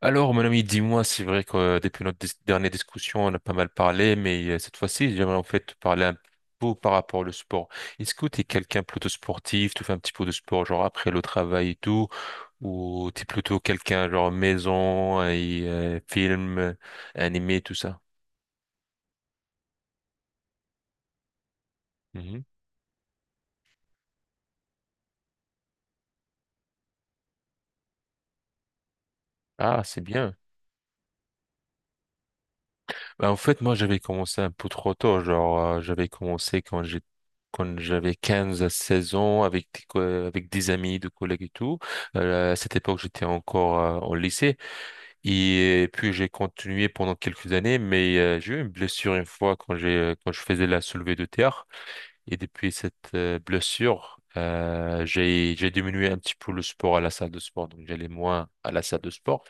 Alors, mon ami, dis-moi, c'est vrai que depuis notre dernière discussion, on a pas mal parlé, mais cette fois-ci, j'aimerais en fait te parler un peu par rapport au sport. Est-ce que tu es quelqu'un plutôt sportif, tu fais un petit peu de sport, genre après le travail et tout, ou tu es plutôt quelqu'un genre maison et film, animé, tout ça? Mhm. Ah, c'est bien. Bah, en fait, moi, j'avais commencé un peu trop tôt. Genre, j'avais commencé quand j'avais 15 à 16 ans avec avec des amis, des collègues et tout. À cette époque, j'étais encore au lycée. Et puis, j'ai continué pendant quelques années, mais j'ai eu une blessure une fois quand je faisais la soulevée de terre. Et depuis cette blessure, j'ai diminué un petit peu le sport à la salle de sport. Donc, j'allais moins à la salle de sport.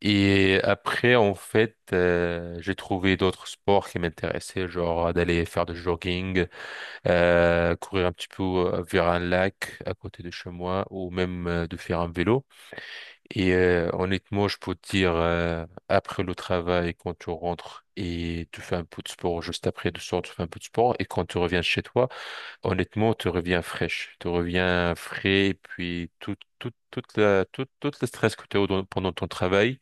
Et après, en fait, j'ai trouvé d'autres sports qui m'intéressaient, genre d'aller faire du jogging, courir un petit peu vers un lac à côté de chez moi, ou même de faire un vélo. Et honnêtement, je peux te dire, après le travail, quand tu rentres et tu fais un peu de sport, juste après de soir, tu fais un peu de sport, et quand tu reviens chez toi, honnêtement, tu reviens fraîche, tu reviens frais, et puis tout, tout, toute la, tout, tout le stress que tu as eu pendant ton travail.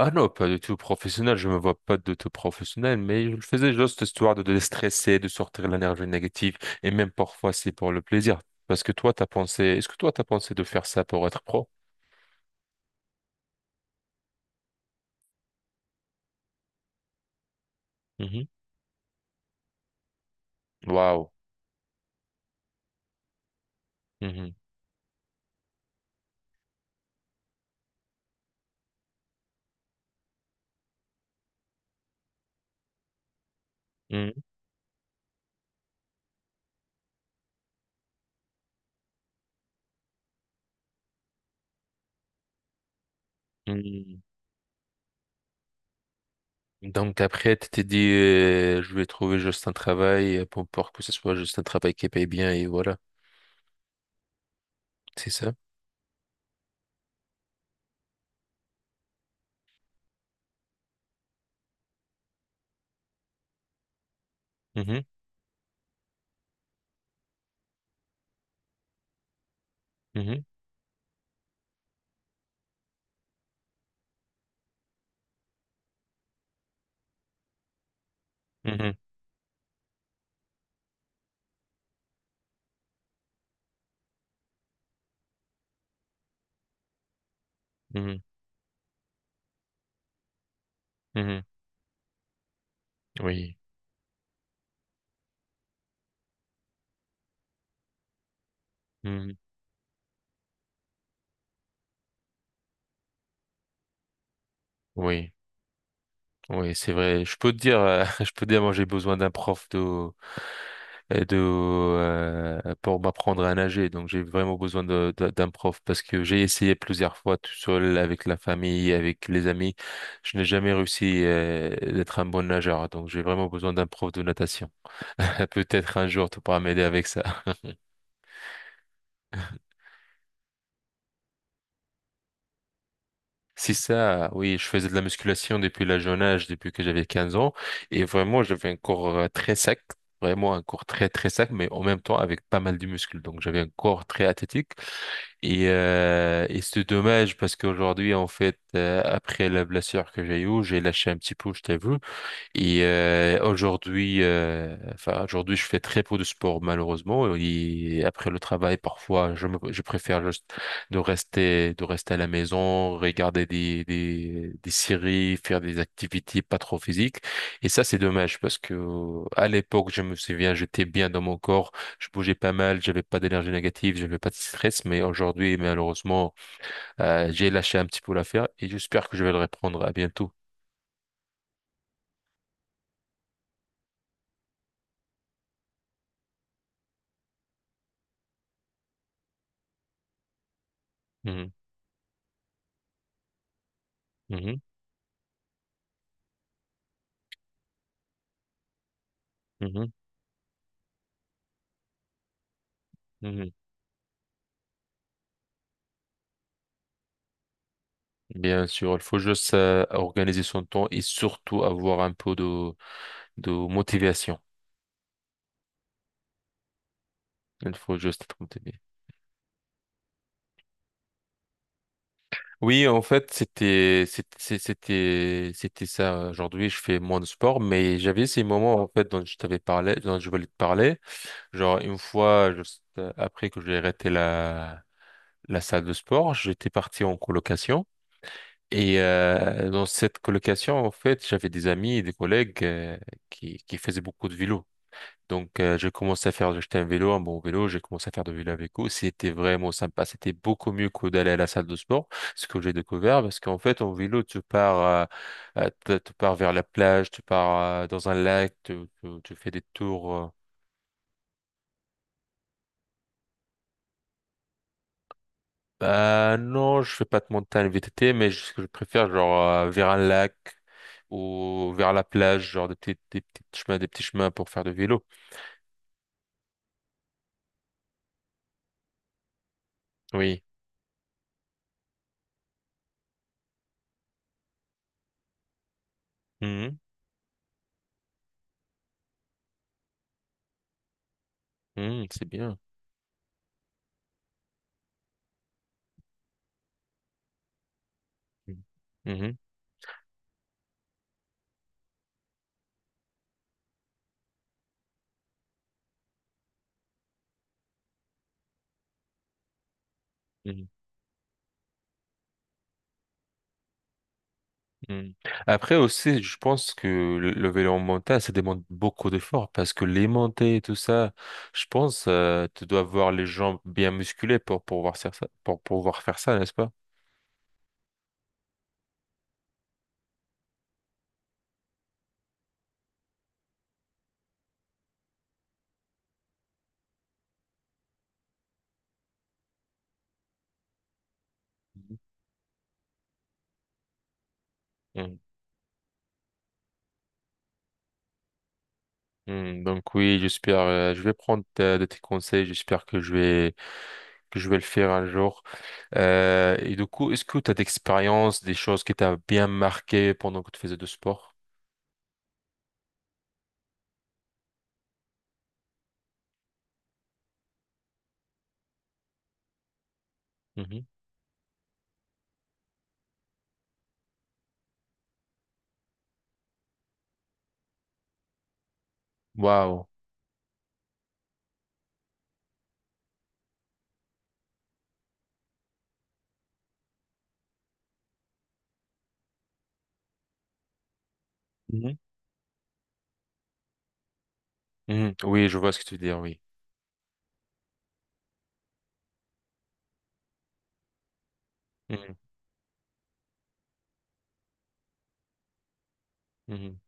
Ah non, pas du tout professionnel, je me vois pas du tout professionnel, mais je le faisais juste histoire de déstresser, de sortir l'énergie négative, et même parfois c'est pour le plaisir. Parce que toi, t'as pensé, est-ce que toi, t'as pensé de faire ça pour être pro? Mhm. Waouh. Mhm. Mhm. Mhm. Donc après, tu t'es dit, je vais trouver juste un travail pour que ce soit juste un travail qui paye bien, et voilà, c'est ça? Mhm. Mhm. Mhm. Mhm. Mhm. Oui. Mhm. Oui. Oui, c'est vrai. Je peux te dire, je peux te dire, moi j'ai besoin d'un prof de, pour m'apprendre à nager. Donc j'ai vraiment besoin d'un prof parce que j'ai essayé plusieurs fois tout seul avec la famille, avec les amis. Je n'ai jamais réussi d'être un bon nageur. Donc j'ai vraiment besoin d'un prof de natation. Peut-être un jour tu pourras m'aider avec ça. C'est ça, oui, je faisais de la musculation depuis la jeune âge, depuis que j'avais 15 ans, et vraiment, j'avais un corps très sec, vraiment un corps très très sec, mais en même temps avec pas mal de muscles, donc j'avais un corps très athlétique, et c'est dommage parce qu'aujourd'hui, en fait, après la blessure que j'ai eue, j'ai lâché un petit peu, je t'avoue, et aujourd'hui, enfin aujourd'hui, je fais très peu de sport malheureusement. Et après le travail, parfois, je préfère juste de rester à la maison, regarder des séries, faire des activités pas trop physiques. Et ça, c'est dommage parce que à l'époque, je me souviens, j'étais bien dans mon corps, je bougeais pas mal, j'avais pas d'énergie négative, j'avais pas de stress. Mais aujourd'hui, malheureusement, j'ai lâché un petit peu l'affaire et j'espère que je vais le reprendre à bientôt. Mhm. Mhm. Mhm. Mhm. Bien sûr, il faut juste organiser son temps et surtout avoir un peu de motivation. Il faut juste être motivé. Oui, en fait, c'était ça. Aujourd'hui, je fais moins de sport, mais j'avais ces moments en fait dont je t'avais parlé, dont je voulais te parler. Genre une fois, juste après que j'ai arrêté la salle de sport, j'étais parti en colocation. Et dans cette colocation, en fait, j'avais des amis et des collègues qui faisaient beaucoup de vélo. Donc, j'ai commencé à faire, j'ai acheté un vélo, un bon vélo, j'ai commencé à faire de vélo avec vélo. C'était vraiment sympa. C'était beaucoup mieux que d'aller à la salle de sport, ce que j'ai découvert, parce qu'en fait, en vélo, tu pars vers la plage, tu pars, dans un lac, tu fais des tours. Bah, non, je fais pas de montagne VTT, mais ce que je préfère, genre, vers un lac ou vers la plage, genre des petits chemins pour faire de vélo. Oui. Mhm. Mhm, c'est bien. Mhm. Mhm. Hmm. Après aussi, je pense que le vélo en montagne, ça demande beaucoup d'efforts parce que les montées et tout ça, je pense, tu dois avoir les jambes bien musculées pour pouvoir faire ça, pour pouvoir faire ça, n'est-ce pas? Mhm. Hmm. Hmm, donc oui, j'espère, je vais prendre de tes conseils, j'espère que je vais le faire un jour. Et du coup, est-ce que tu as d'expérience, des choses qui t'ont bien marqué pendant que tu faisais du sport? Mhm. Waouh. Mhm. Mhm. Oui, je vois ce que tu veux dire, oui. Mhm. Mhm.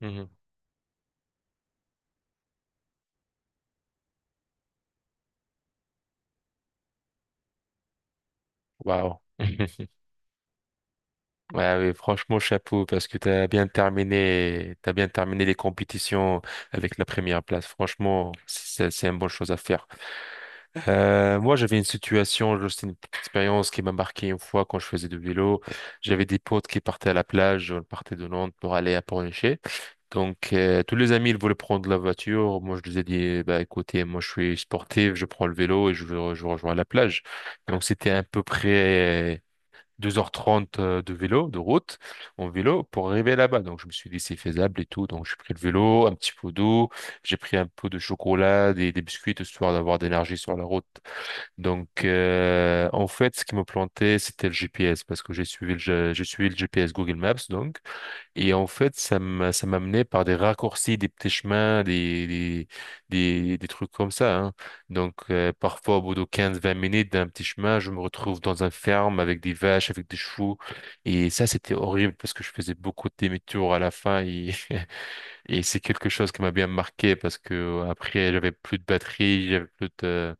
Mhm. Waouh. Ouais, oui, franchement, chapeau, parce que t'as bien terminé les compétitions avec la première place. Franchement, c'est une bonne chose à faire. Moi, j'avais une situation, juste une petite expérience qui m'a marqué une fois quand je faisais du vélo. J'avais des potes qui partaient à la plage, on partait de Nantes pour aller à Pornichet. Donc, tous les amis, ils voulaient prendre la voiture. Moi, je les ai dit, bah, écoutez, moi, je suis sportif, je prends le vélo et je rejoins la plage. Donc, c'était à peu près 2h30 de vélo, de route, en vélo, pour arriver là-bas. Donc, je me suis dit, c'est faisable et tout. Donc, j'ai pris le vélo, un petit pot d'eau, j'ai pris un pot de chocolat, des biscuits, histoire d'avoir de l'énergie sur la route. Donc, en fait, ce qui me plantait, c'était le GPS, parce que j'ai suivi j'ai suivi le GPS Google Maps, donc. Et en fait, ça m'amenait par des raccourcis, des petits chemins, des trucs comme ça. Hein. Donc, parfois, au bout de 15 20 minutes d'un petit chemin, je me retrouve dans un ferme avec des vaches, avec des chevaux. Et ça, c'était horrible parce que je faisais beaucoup de demi-tours à la fin. Et, et c'est quelque chose qui m'a bien marqué parce que après, j'avais plus de batterie, j'avais plus de...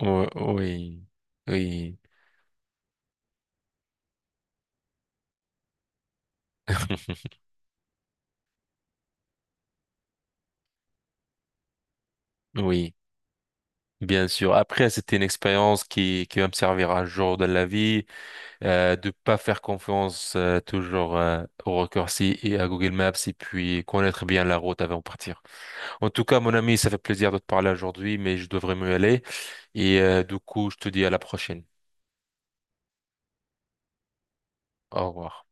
Oui, oui, oui. Bien sûr. Après, c'était une expérience qui va me servir un jour dans la vie, de pas faire confiance toujours au raccourci et à Google Maps et puis connaître bien la route avant de partir. En tout cas, mon ami, ça fait plaisir de te parler aujourd'hui, mais je devrais me aller. Et du coup, je te dis à la prochaine. Au revoir.